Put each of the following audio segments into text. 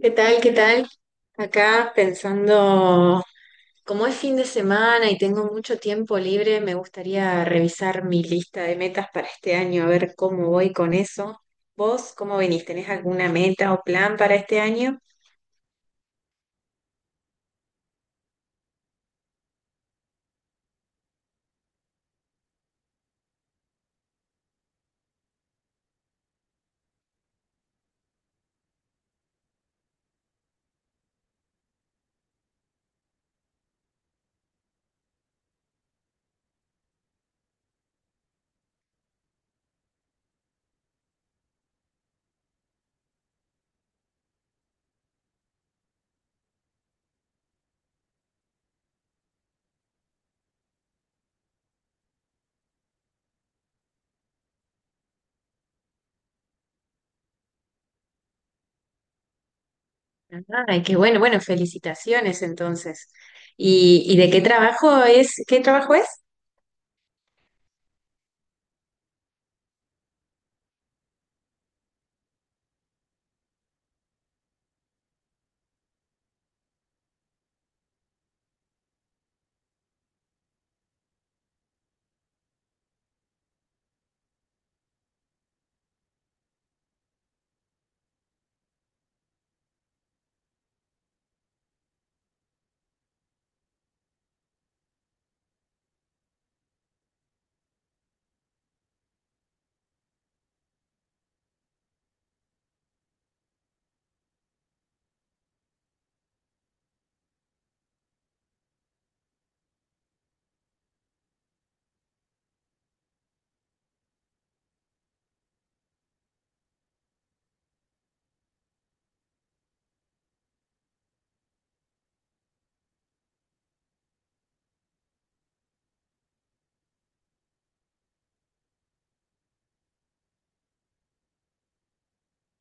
¿Qué tal? ¿Qué tal? Acá pensando, como es fin de semana y tengo mucho tiempo libre, me gustaría revisar mi lista de metas para este año, a ver cómo voy con eso. ¿Vos cómo venís? ¿Tenés alguna meta o plan para este año? Ay, qué bueno, bueno, felicitaciones entonces. ¿Y de qué trabajo es? ¿Qué trabajo es?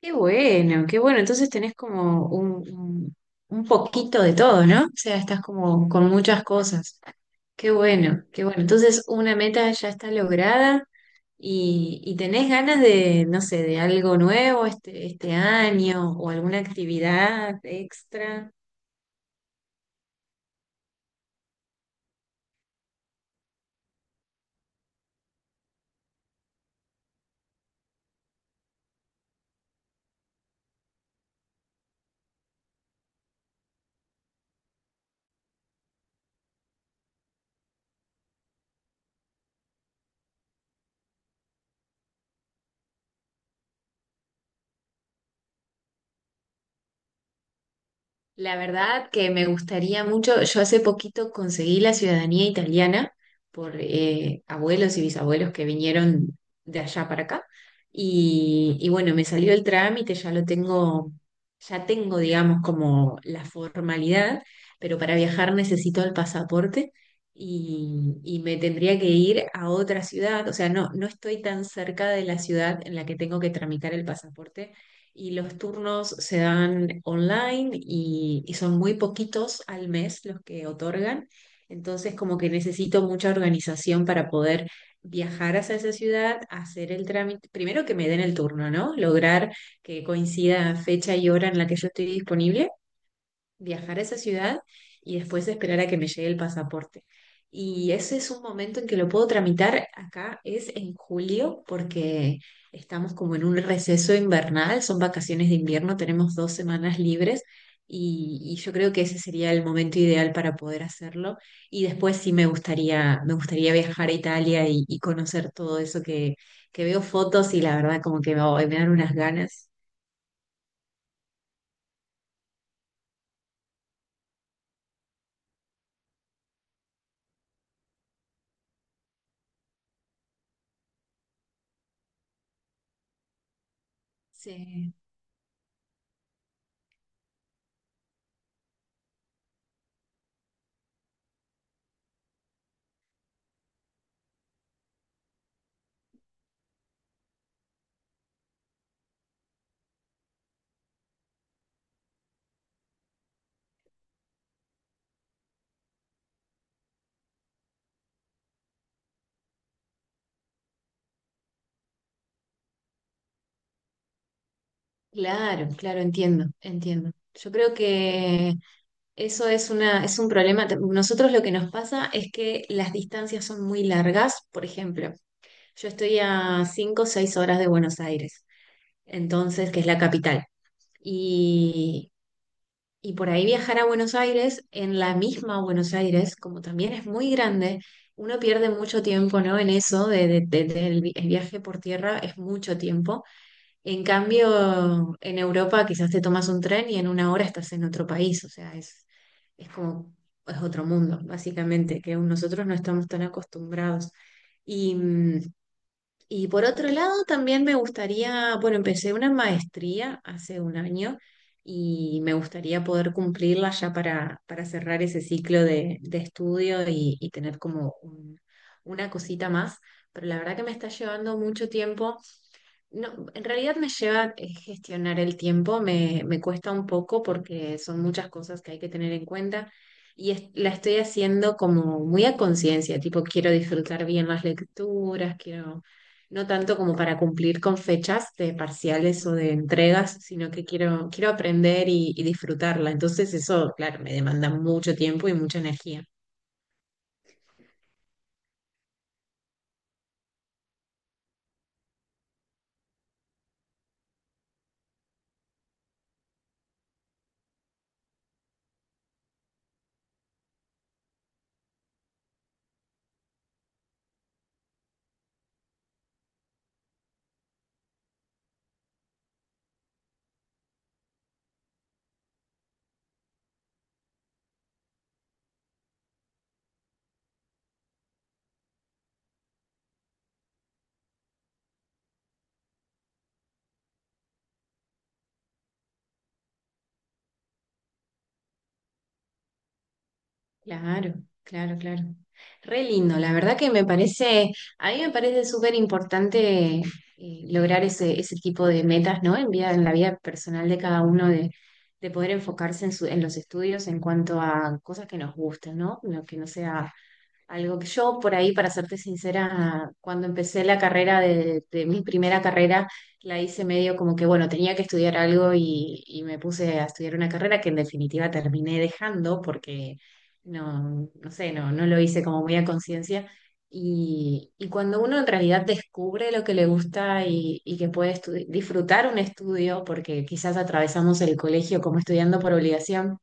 Qué bueno, qué bueno. Entonces tenés como un un poquito de todo, ¿no? O sea, estás como con muchas cosas. Qué bueno, qué bueno. Entonces, una meta ya está lograda y tenés ganas de, no sé, de algo nuevo este año o alguna actividad extra. La verdad que me gustaría mucho, yo hace poquito conseguí la ciudadanía italiana por abuelos y bisabuelos que vinieron de allá para acá y bueno, me salió el trámite, ya lo tengo, ya tengo digamos como la formalidad, pero para viajar necesito el pasaporte y me tendría que ir a otra ciudad, o sea, no, no estoy tan cerca de la ciudad en la que tengo que tramitar el pasaporte y los turnos se dan online y son muy poquitos al mes los que otorgan. Entonces, como que necesito mucha organización para poder viajar hacia esa ciudad, hacer el trámite, primero que me den el turno, ¿no? Lograr que coincida fecha y hora en la que yo estoy disponible viajar a esa ciudad y después esperar a que me llegue el pasaporte. Y ese es un momento en que lo puedo tramitar acá, es en julio, porque estamos como en un receso invernal, son vacaciones de invierno, tenemos dos semanas libres y yo creo que ese sería el momento ideal para poder hacerlo. Y después sí me gustaría viajar a Italia y conocer todo eso que veo fotos y la verdad como que me dan unas ganas. Sí. Claro, claro, entiendo, entiendo. Yo creo que eso es una, es un problema. Nosotros lo que nos pasa es que las distancias son muy largas. Por ejemplo, yo estoy a 5, o 6 horas de Buenos Aires, entonces, que es la capital. Y, y por ahí viajar a Buenos Aires, en la misma Buenos Aires, como también es muy grande, uno pierde mucho tiempo, ¿no? En eso de, del el viaje por tierra es mucho tiempo. En cambio, en Europa quizás te tomas un tren y en una hora estás en otro país, o sea, es como, es otro mundo, básicamente, que nosotros no estamos tan acostumbrados. Y, y por otro lado, también me gustaría, bueno, empecé una maestría hace un año y me gustaría poder cumplirla ya para cerrar ese ciclo de estudio y tener como una cosita más, pero la verdad que me está llevando mucho tiempo no, en realidad me lleva gestionar el tiempo, me cuesta un poco porque son muchas cosas que hay que tener en cuenta y la estoy haciendo como muy a conciencia, tipo quiero disfrutar bien las lecturas, quiero, no tanto como para cumplir con fechas de parciales o de entregas, sino que quiero, quiero aprender y disfrutarla. Entonces eso, claro, me demanda mucho tiempo y mucha energía. Claro, claro, claro. Re lindo, la verdad que me parece, a mí me parece súper importante lograr ese, ese tipo de metas, ¿no? En vida, en la vida personal de cada uno, de poder enfocarse en, en los estudios en cuanto a cosas que nos gusten, ¿no? Lo que no sea algo que yo por ahí, para serte sincera, cuando empecé la carrera de mi primera carrera, la hice medio como que, bueno, tenía que estudiar algo y me puse a estudiar una carrera que en definitiva terminé dejando porque no, no sé, no, no lo hice como muy a conciencia. Y cuando uno en realidad descubre lo que le gusta y que puede disfrutar un estudio, porque quizás atravesamos el colegio como estudiando por obligación,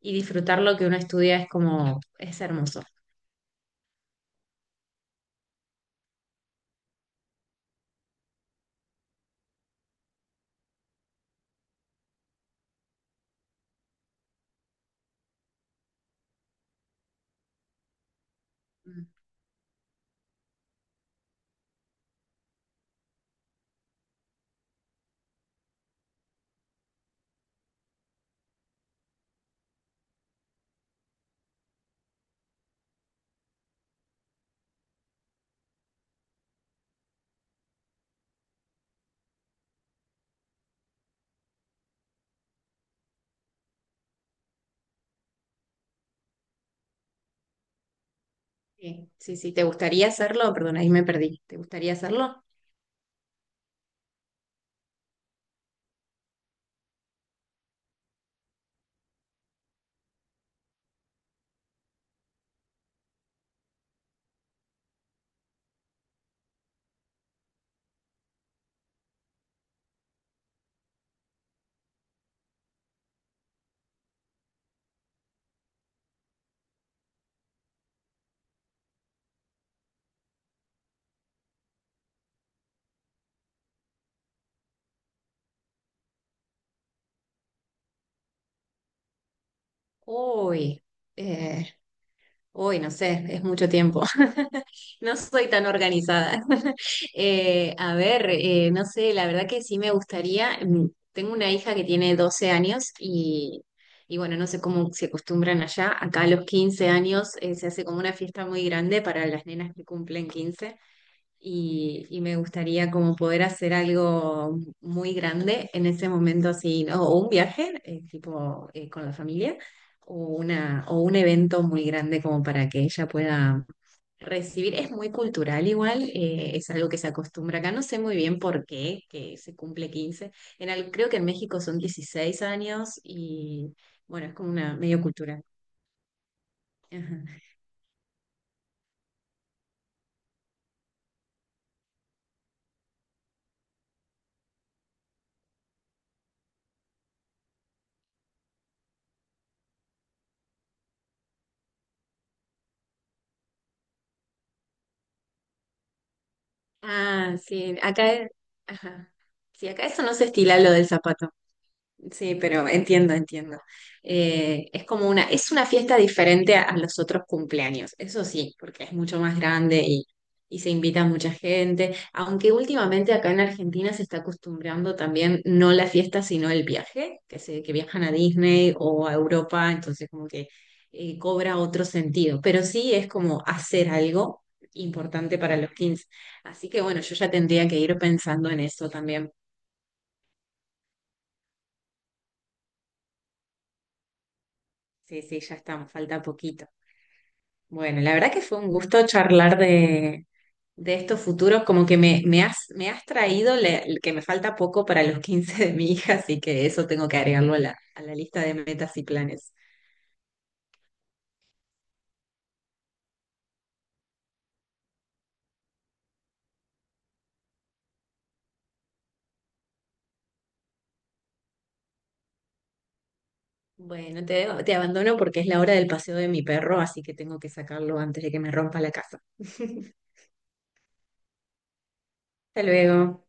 y disfrutar lo que uno estudia es como, es hermoso. Sí, sí, sí. ¿Te gustaría hacerlo? Perdón, ahí me perdí. ¿Te gustaría hacerlo? Uy, eh, uy, no sé, es mucho tiempo. No soy tan organizada. A ver, no sé, la verdad que sí me gustaría. Tengo una hija que tiene 12 años y bueno, no sé cómo se acostumbran allá. Acá a los 15 años se hace como una fiesta muy grande para las nenas que cumplen 15. Y, y me gustaría como poder hacer algo muy grande en ese momento así, ¿no? O un viaje, tipo con la familia, o una, o un evento muy grande como para que ella pueda recibir. Es muy cultural igual, es algo que se acostumbra acá. No sé muy bien por qué, que se cumple quince. En creo que en México son 16 años y bueno, es como una medio cultural. Ajá. Ah, sí, acá, ajá. Sí, acá eso no se estila lo del zapato. Sí, pero entiendo, entiendo. Es como una, es una fiesta diferente a los otros cumpleaños, eso sí, porque es mucho más grande y se invita a mucha gente, aunque últimamente acá en Argentina se está acostumbrando también no la fiesta, sino el viaje, que se, que viajan a Disney o a Europa, entonces como que cobra otro sentido, pero sí es como hacer algo importante para los 15. Así que bueno, yo ya tendría que ir pensando en eso también. Sí, sí, ya estamos, falta poquito. Bueno, la verdad que fue un gusto charlar de estos futuros, como que me, me has traído el que me falta poco para los 15 de mi hija, así que eso tengo que agregarlo a la lista de metas y planes. Bueno, te abandono porque es la hora del paseo de mi perro, así que tengo que sacarlo antes de que me rompa la casa. Hasta luego.